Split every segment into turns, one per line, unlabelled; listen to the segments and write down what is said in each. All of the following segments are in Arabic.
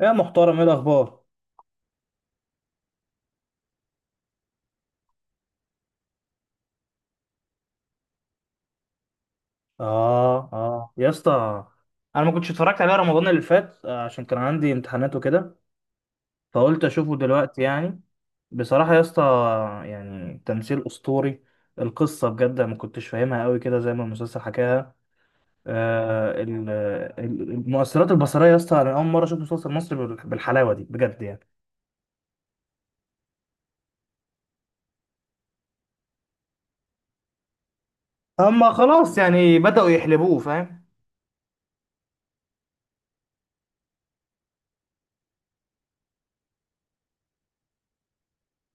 يا محترم، ايه الاخبار؟ اه اه يا اسطى، انا ما كنتش اتفرجت عليه رمضان اللي فات عشان كان عندي امتحانات وكده. فقلت اشوفه دلوقتي يعني. بصراحة يا اسطى، يعني تمثيل اسطوري. القصة بجد ما كنتش فاهمها قوي كده زي ما المسلسل حكاها. آه ال- المؤثرات البصرية يا اسطى، انا اول مرة اشوف مسلسل مصري بالحلاوة دي بجد يعني. اما خلاص يعني بدأوا يحلبوه فاهم.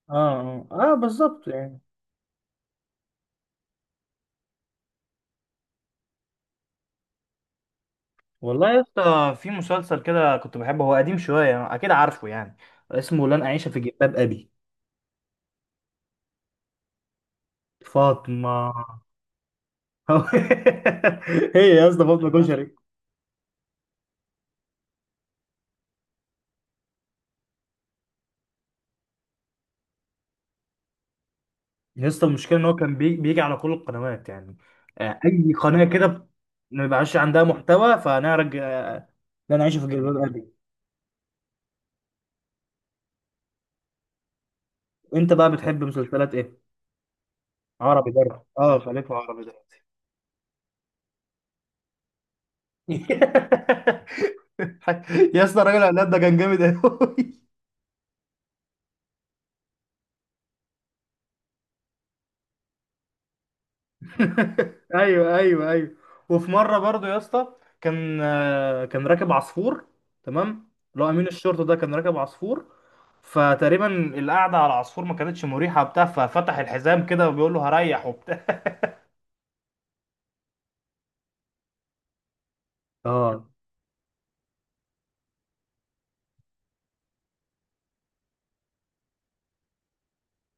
اه اه، بالظبط يعني. والله يا اسطى في مسلسل كده كنت بحبه، هو قديم شوية، أكيد عارفه يعني. اسمه لن أعيش في جلباب أبي. فاطمة. هي يا اسطى فاطمة كشري. يا اسطى المشكلة إن هو كان بيجي على كل القنوات يعني. أي قناة كده ما بيبقاش عندها محتوى فنرجع. لن أعيش في جلباب أبي. أنت بقى بتحب مسلسلات إيه؟ عربي برضه، أه، خليك في عربي دلوقتي. يا اسطى الراجل العناد ده كان جامد أوي. ايوه ايوه ايوه. وفي مره برضو يا اسطى، كان راكب عصفور. تمام، اللي هو امين الشرطه ده كان راكب عصفور. فتقريبا القعده على العصفور ما كانتش مريحه بتاع، ففتح الحزام كده وبيقول له هريح وبتاع. اه،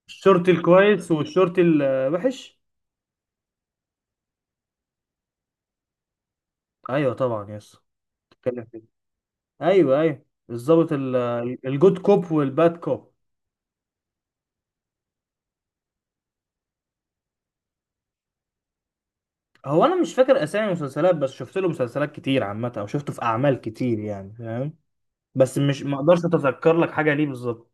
الشرطي الكويس والشرطي الوحش. ايوه طبعا يا اسطى. بتتكلم كده. ايوه ايوه. الظابط الجود كوب والباد كوب. هو انا مش فاكر اسامي المسلسلات، بس شفت له مسلسلات كتير عامه، او شفته في اعمال كتير يعني فاهم. بس مش ما اقدرش اتذكر لك حاجه ليه بالظبط.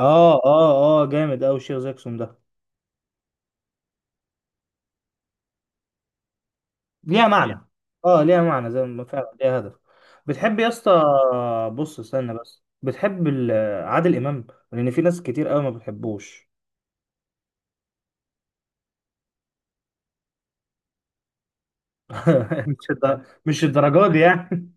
اه اه اه، جامد اوي الشيخ زاكسون ده. ليها معنى. اه، ليها معنى، زي ما فعلا ليها هدف. بتحب يا اسطى؟ بص استنى بس، بتحب عادل امام؟ لان في ناس كتير قوي ما بتحبوش. مش الدرجات دي يعني.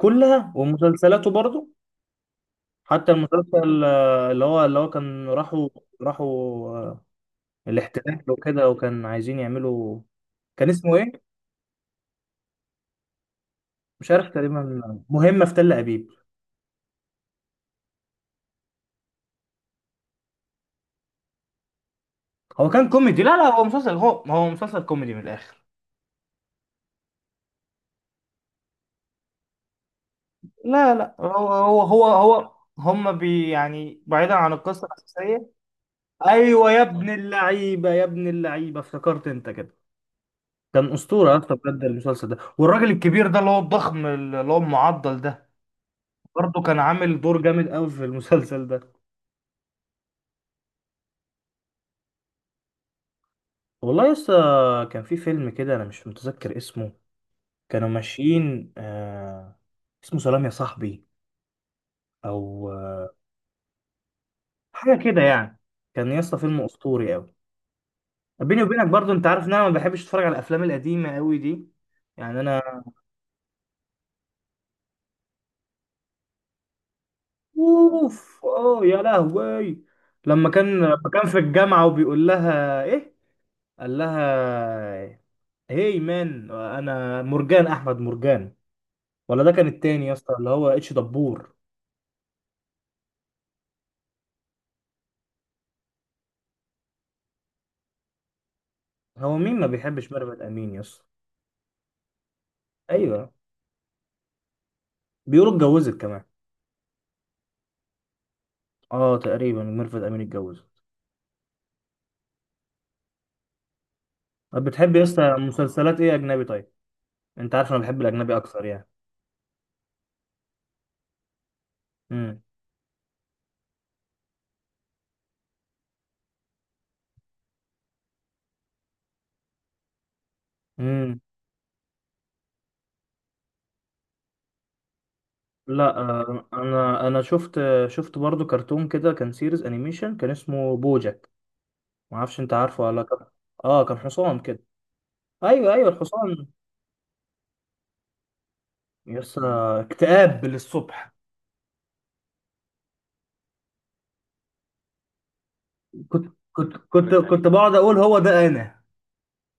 كلها ومسلسلاته برضو. حتى المسلسل، اللي هو كان راحوا. راحوا آه، الاحتلال وكده، وكان عايزين يعملوا. كان اسمه ايه؟ مش عارف، تقريبا مهمة في تل ابيب. هو كان كوميدي. لا لا، هو مسلسل، هو مسلسل كوميدي من الاخر. لا لا، هو هما يعني بعيدا عن القصة الأساسية. أيوة يا ابن اللعيبة يا ابن اللعيبة، افتكرت أنت كده. كان أسطورة يا اسطى بجد المسلسل ده، والراجل الكبير ده اللي هو الضخم، اللي هو المعضل ده. برضه كان عامل دور جامد قوي في المسلسل ده. والله يا اسطى، كان في فيلم كده أنا مش متذكر اسمه. كانوا ماشيين، اسمه سلام يا صاحبي. أو حاجه كده يعني. كان يا اسطى فيلم اسطوري قوي. بيني وبينك برضو انت عارف ان انا ما بحبش اتفرج على الافلام القديمه قوي دي. يعني انا، اوف، اه يا لهوي. لما كان في الجامعه وبيقول لها ايه. قال لها، هي مان، انا مرجان احمد مرجان. ولا ده كان التاني يا اسطى اللي هو اتش دبور. هو مين ما بيحبش ميرفت امين يا اسطى؟ ايوه. بيقولوا اتجوزت كمان. اه تقريبا ميرفت امين اتجوزت. طب بتحب يا اسطى مسلسلات ايه اجنبي طيب؟ انت عارف انا بحب الاجنبي اكتر يعني. امم امم لا، انا شفت برضو كرتون كده كان سيريز انيميشن، كان اسمه بوجاك. ما اعرفش انت عارفه ولا لا. اه، كان حصان كده. ايوه ايوه، الحصان. يس، اكتئاب للصبح. كنت بقعد اقول هو ده انا،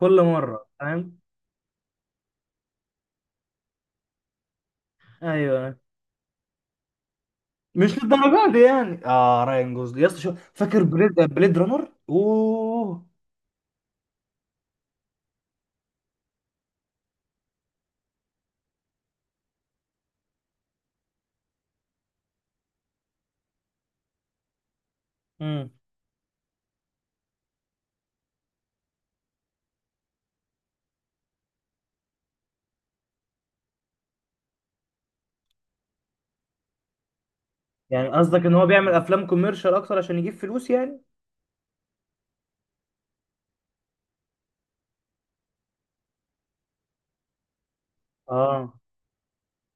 كل مره فاهم. ايوه مش للدرجه دي يعني. اه راين جوزلي، يس، شو، فاكر بليد رانر؟ اوه. امم يعني قصدك ان هو بيعمل افلام كوميرشال اكتر عشان يجيب فلوس يعني؟ اه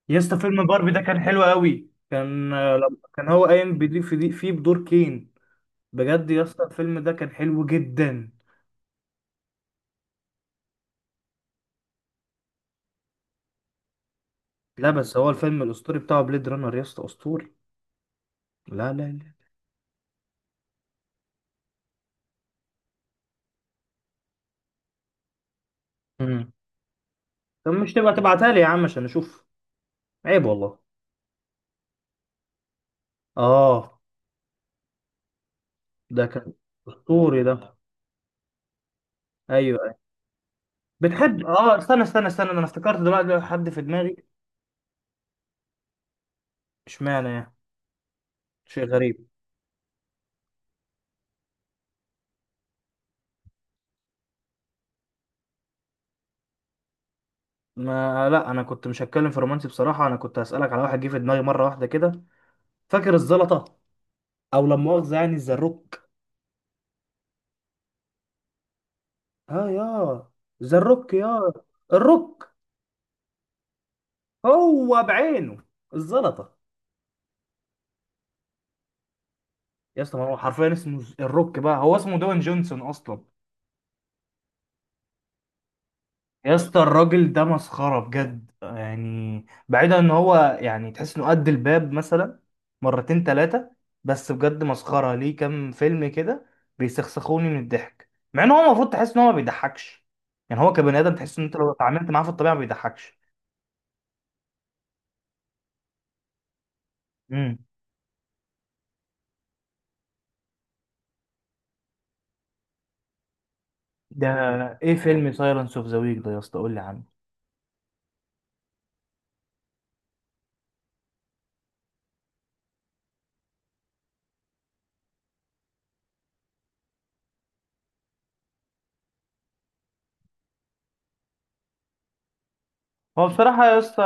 يا اسطى فيلم باربي ده كان حلو قوي. كان آه، لما كان هو قايم بدي في دي، فيه بدور كين. بجد يا اسطى الفيلم ده كان حلو جدا. لا بس هو الفيلم الاسطوري بتاعه بليد رانر يا اسطى، اسطوري. لا لا لا. امم طب مش تبقى تبعتها لي يا عم عشان اشوف؟ عيب والله. اه، ده كان اسطوري ده. ايوه ايوه، بتحب. اه استنى استنى استنى، انا افتكرت دلوقتي حد في دماغي. اشمعنى يعني؟ شيء غريب. ما لا، انا كنت مش هتكلم في رومانسي بصراحه، انا كنت هسالك على واحد جه في دماغي مره واحده كده. فاكر الزلطه؟ او لا مؤاخذه يعني الزروك. اه، يا الروك. هو بعينه، الزلطه. يا اسطى ما هو حرفيا اسمه الروك، بقى هو اسمه دوين جونسون اصلا. يا اسطى الراجل ده مسخره بجد، يعني بعيدا ان هو يعني تحس انه قد الباب مثلا، مرتين ثلاثه. بس بجد مسخره، ليه كام فيلم كده بيسخسخوني من الضحك، مع ان هو المفروض تحس ان هو ما بيضحكش. يعني هو كبني ادم تحس ان انت لو اتعاملت معاه في الطبيعه ما بيضحكش. ده ايه فيلم سايلنس اوف ذا ويك ده يا اسطى؟ قول لي عنه. هو بصراحه يا اسطى،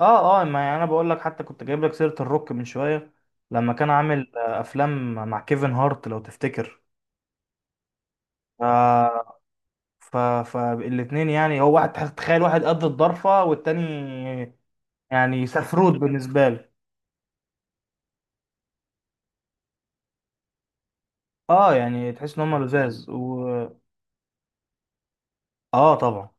اه اه، ما يعني انا بقول لك، حتى كنت جايب لك سيره الروك من شويه، لما كان عامل افلام مع كيفن هارت لو تفتكر. ف ف فالاتنين يعني، هو واحد، تخيل واحد قد الضرفه، والتاني يعني سفروت بالنسبه له. اه، يعني تحس ان هم لزاز و. اه طبعا.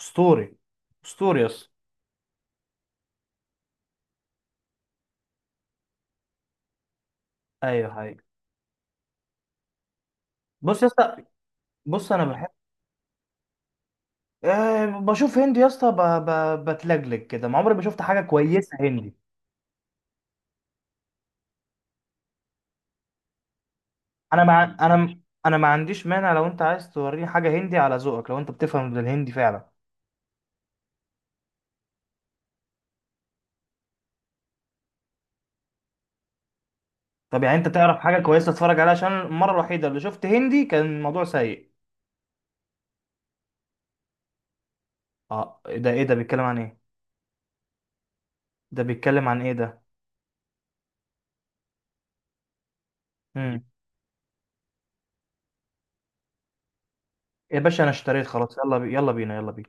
اسطوري. اسطوري يا اسطى. ايوه هاي. بص يا اسطى. بص انا بحب، بشوف هندي يا اسطى، بتلجلج كده، ما عمري ما شفت حاجه كويسه هندي. انا مع انا انا ما عنديش مانع لو انت عايز توريني حاجه هندي على ذوقك، لو انت بتفهم بالهندي فعلا. طب يعني انت تعرف حاجه كويسه تتفرج عليها؟ عشان المره الوحيده اللي شفت هندي كان الموضوع سيء. اه، إيه ده ايه ده بيتكلم عن ايه؟ ده بيتكلم عن ايه ده؟ امم يا باشا انا اشتريت خلاص. يلا بينا يلا بينا.